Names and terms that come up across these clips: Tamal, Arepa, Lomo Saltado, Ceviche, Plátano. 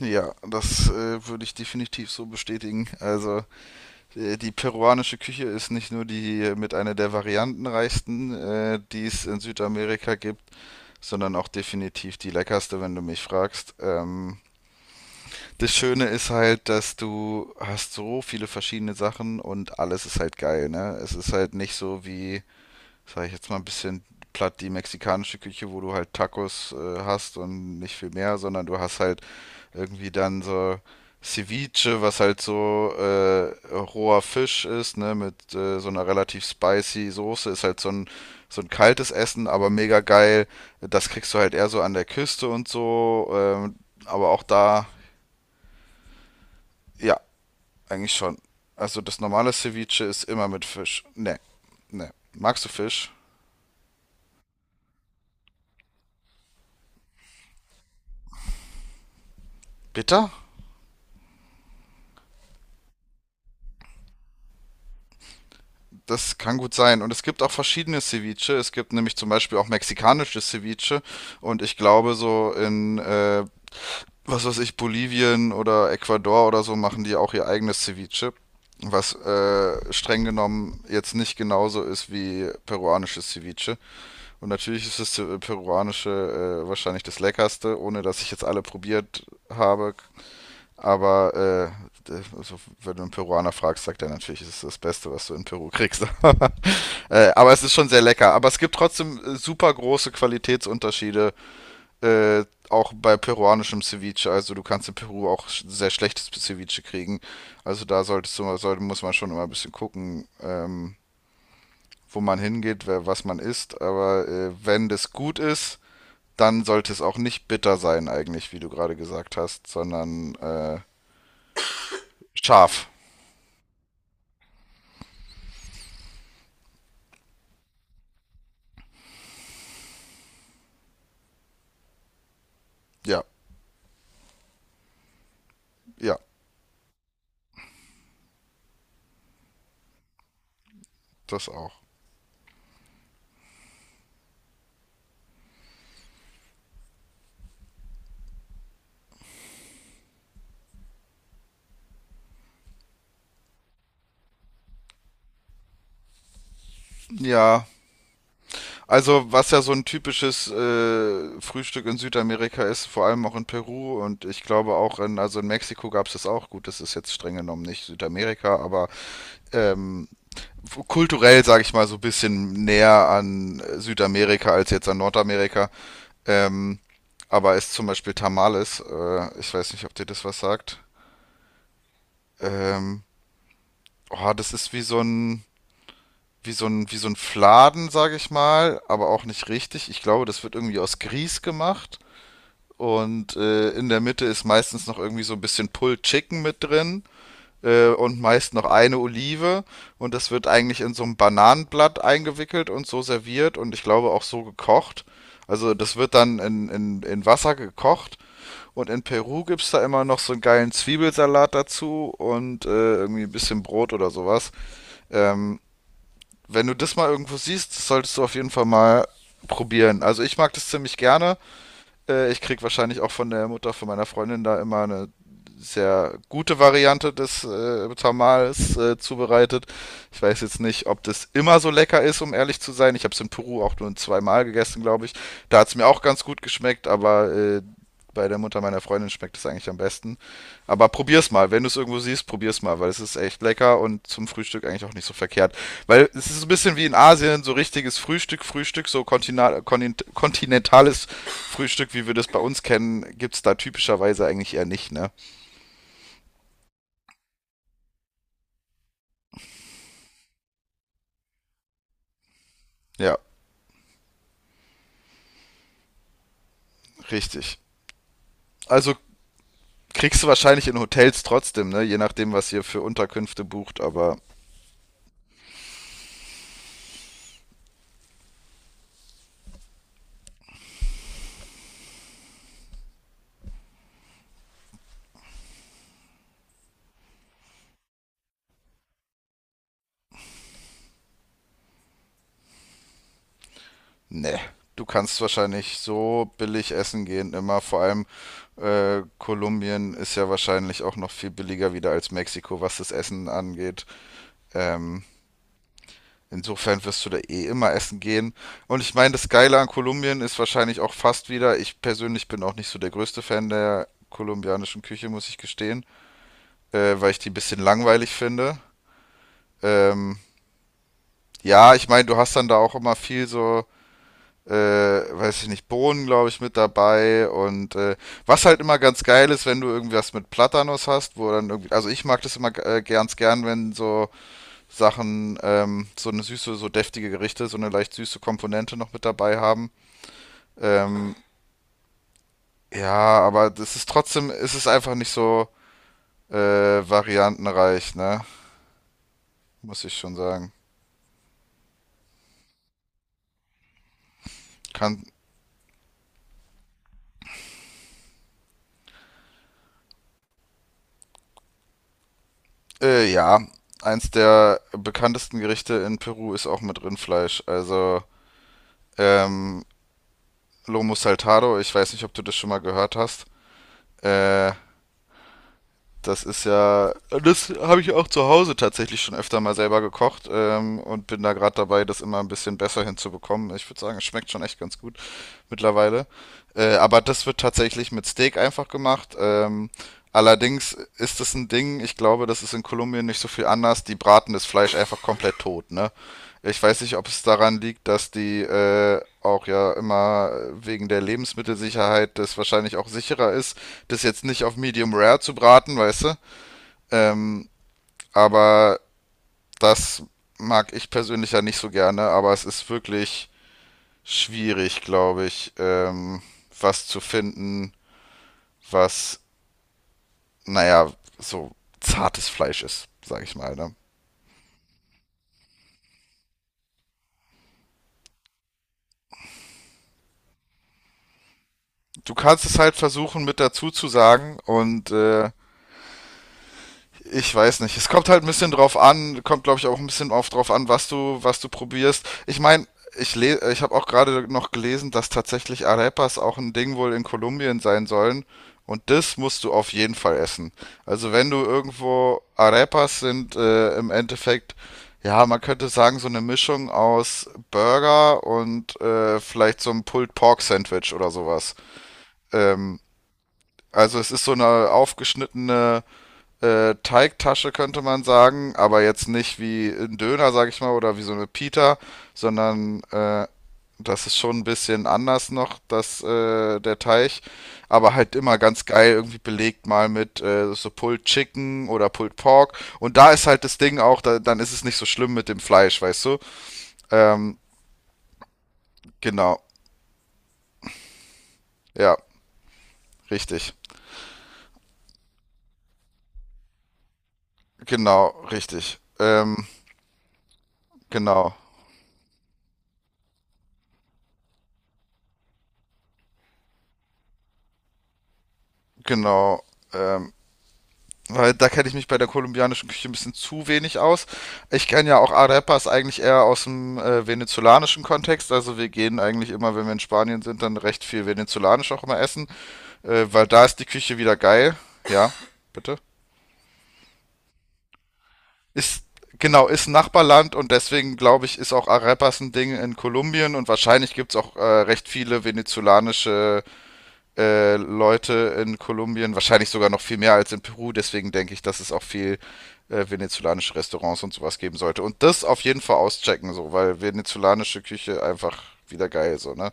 Ja, das würde ich definitiv so bestätigen. Also die peruanische Küche ist nicht nur die mit einer der variantenreichsten, die es in Südamerika gibt, sondern auch definitiv die leckerste, wenn du mich fragst. Das Schöne ist halt, dass du hast so viele verschiedene Sachen und alles ist halt geil, ne? Es ist halt nicht so wie, sag ich jetzt mal ein bisschen platt, die mexikanische Küche, wo du halt Tacos hast und nicht viel mehr, sondern du hast halt irgendwie dann so Ceviche, was halt so roher Fisch ist, ne, mit so einer relativ spicy Soße, ist halt so ein kaltes Essen, aber mega geil. Das kriegst du halt eher so an der Küste und so, aber auch da, ja, eigentlich schon. Also das normale Ceviche ist immer mit Fisch. Ne, ne. Magst du Fisch? Bitter? Das kann gut sein. Und es gibt auch verschiedene Ceviche. Es gibt nämlich zum Beispiel auch mexikanisches Ceviche. Und ich glaube, so in was weiß ich, Bolivien oder Ecuador oder so machen die auch ihr eigenes Ceviche, was streng genommen jetzt nicht genauso ist wie peruanisches Ceviche. Und natürlich ist das peruanische wahrscheinlich das leckerste, ohne dass ich jetzt alle probiert habe. Aber also, wenn du einen Peruaner fragst, sagt er natürlich, es ist das Beste, was du in Peru kriegst. Aber es ist schon sehr lecker. Aber es gibt trotzdem super große Qualitätsunterschiede äh, auch bei peruanischem Ceviche, also du kannst in Peru auch sehr schlechtes Ceviche kriegen. Also da solltest du, sollte, muss man schon immer ein bisschen gucken, wo man hingeht, wer, was man isst. Aber wenn das gut ist, dann sollte es auch nicht bitter sein eigentlich, wie du gerade gesagt hast, sondern scharf. Ja, ja, das auch. Ja, also, was ja so ein typisches Frühstück in Südamerika ist, vor allem auch in Peru und ich glaube auch in, also in Mexiko gab es das auch. Gut, das ist jetzt streng genommen nicht Südamerika, aber ähm, kulturell, sage ich mal, so ein bisschen näher an Südamerika als jetzt an Nordamerika. Ähm, aber ist zum Beispiel Tamales. Ich weiß nicht, ob dir das was sagt. Ähm, oh, das ist wie so ein, wie so ein Fladen, sage ich mal, aber auch nicht richtig. Ich glaube, das wird irgendwie aus Grieß gemacht. Und in der Mitte ist meistens noch irgendwie so ein bisschen Pulled Chicken mit drin und meist noch eine Olive. Und das wird eigentlich in so ein Bananenblatt eingewickelt und so serviert und ich glaube auch so gekocht. Also das wird dann in Wasser gekocht und in Peru gibt's da immer noch so einen geilen Zwiebelsalat dazu und irgendwie ein bisschen Brot oder sowas. Ähm, wenn du das mal irgendwo siehst, das solltest du auf jeden Fall mal probieren. Also ich mag das ziemlich gerne. Ich krieg wahrscheinlich auch von der Mutter von meiner Freundin da immer eine sehr gute Variante des Tamales zubereitet. Ich weiß jetzt nicht, ob das immer so lecker ist, um ehrlich zu sein. Ich habe es in Peru auch nur zweimal gegessen, glaube ich. Da hat es mir auch ganz gut geschmeckt, aber bei der Mutter meiner Freundin schmeckt es eigentlich am besten. Aber probier's mal, wenn du es irgendwo siehst, probier's mal, weil es ist echt lecker und zum Frühstück eigentlich auch nicht so verkehrt. Weil es ist so ein bisschen wie in Asien, so richtiges Frühstück, so kontinentales Frühstück, wie wir das bei uns kennen, gibt es da typischerweise eigentlich eher nicht, ne? Ja, richtig. Also kriegst du wahrscheinlich in Hotels trotzdem, ne? Je nachdem, was ihr für Unterkünfte bucht, aber ne. Du kannst wahrscheinlich so billig essen gehen immer. Vor allem Kolumbien ist ja wahrscheinlich auch noch viel billiger wieder als Mexiko, was das Essen angeht. Ähm, Insofern wirst du da eh immer essen gehen. Und ich meine, das Geile an Kolumbien ist wahrscheinlich auch fast wieder, ich persönlich bin auch nicht so der größte Fan der kolumbianischen Küche, muss ich gestehen, weil ich die ein bisschen langweilig finde. Ähm, ja, ich meine, du hast dann da auch immer viel so, weiß ich nicht, Bohnen, glaube ich, mit dabei. Und was halt immer ganz geil ist, wenn du irgendwas mit Platanos hast, wo dann irgendwie, also ich mag das immer ganz gern, wenn so Sachen, so eine süße, so deftige Gerichte, so eine leicht süße Komponente noch mit dabei haben. Ähm, ja, aber das ist trotzdem, es ist einfach nicht so variantenreich, ne? Muss ich schon sagen. Kann, ja, eins der bekanntesten Gerichte in Peru ist auch mit Rindfleisch. Also, ähm, Lomo Saltado, ich weiß nicht, ob du das schon mal gehört hast. Äh, Das ist ja, das habe ich auch zu Hause tatsächlich schon öfter mal selber gekocht und bin da gerade dabei, das immer ein bisschen besser hinzubekommen. Ich würde sagen, es schmeckt schon echt ganz gut mittlerweile. Aber das wird tatsächlich mit Steak einfach gemacht. Allerdings ist das ein Ding, ich glaube, das ist in Kolumbien nicht so viel anders. Die braten das Fleisch einfach komplett tot, ne? Ich weiß nicht, ob es daran liegt, dass die auch ja immer wegen der Lebensmittelsicherheit das wahrscheinlich auch sicherer ist, das jetzt nicht auf Medium Rare zu braten, weißt du? Ähm, aber das mag ich persönlich ja nicht so gerne, aber es ist wirklich schwierig, glaube ich, was zu finden, was, naja, so zartes Fleisch ist, sage ich mal. Ne? Du kannst es halt versuchen mit dazu zu sagen und ich weiß nicht. Es kommt halt ein bisschen drauf an, kommt glaube ich auch ein bisschen auf drauf an, was du probierst. Ich meine, ich habe auch gerade noch gelesen, dass tatsächlich Arepas auch ein Ding wohl in Kolumbien sein sollen. Und das musst du auf jeden Fall essen. Also wenn du irgendwo Arepas sind im Endeffekt, ja, man könnte sagen, so eine Mischung aus Burger und vielleicht so einem Pulled Pork Sandwich oder sowas. Ähm, also es ist so eine aufgeschnittene Teigtasche könnte man sagen, aber jetzt nicht wie ein Döner, sag ich mal, oder wie so eine Pita, sondern das ist schon ein bisschen anders noch, das, der Teig, aber halt immer ganz geil irgendwie belegt mal mit so Pulled Chicken oder Pulled Pork und da ist halt das Ding auch, da, dann ist es nicht so schlimm mit dem Fleisch, weißt du? Ähm, genau, ja, richtig, genau, richtig, genau, genau, ähm, weil da kenne ich mich bei der kolumbianischen Küche ein bisschen zu wenig aus. Ich kenne ja auch Arepas eigentlich eher aus dem venezolanischen Kontext. Also wir gehen eigentlich immer, wenn wir in Spanien sind, dann recht viel venezolanisch auch immer essen. Weil da ist die Küche wieder geil. Ja, bitte. Ist, genau, ist ein Nachbarland und deswegen glaube ich, ist auch Arepas ein Ding in Kolumbien und wahrscheinlich gibt es auch recht viele venezolanische Leute in Kolumbien, wahrscheinlich sogar noch viel mehr als in Peru. Deswegen denke ich, dass es auch viel venezolanische Restaurants und sowas geben sollte. Und das auf jeden Fall auschecken, so, weil venezolanische Küche einfach wieder geil, so, ne?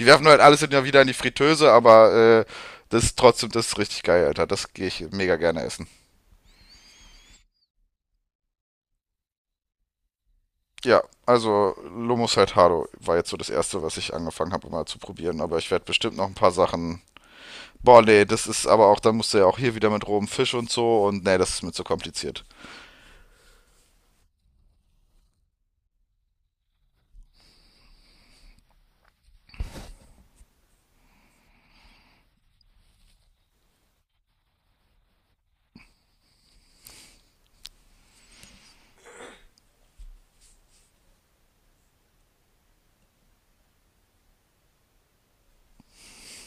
Die werfen halt alles immer wieder in die Fritteuse, aber das ist trotzdem, das ist richtig geil, Alter. Das gehe ich mega gerne essen. Ja, also Lomo Saltado war jetzt so das erste, was ich angefangen habe, mal zu probieren. Aber ich werde bestimmt noch ein paar Sachen. Boah, nee, das ist aber auch, dann musst du ja auch hier wieder mit rohem Fisch und so und nee, das ist mir zu kompliziert.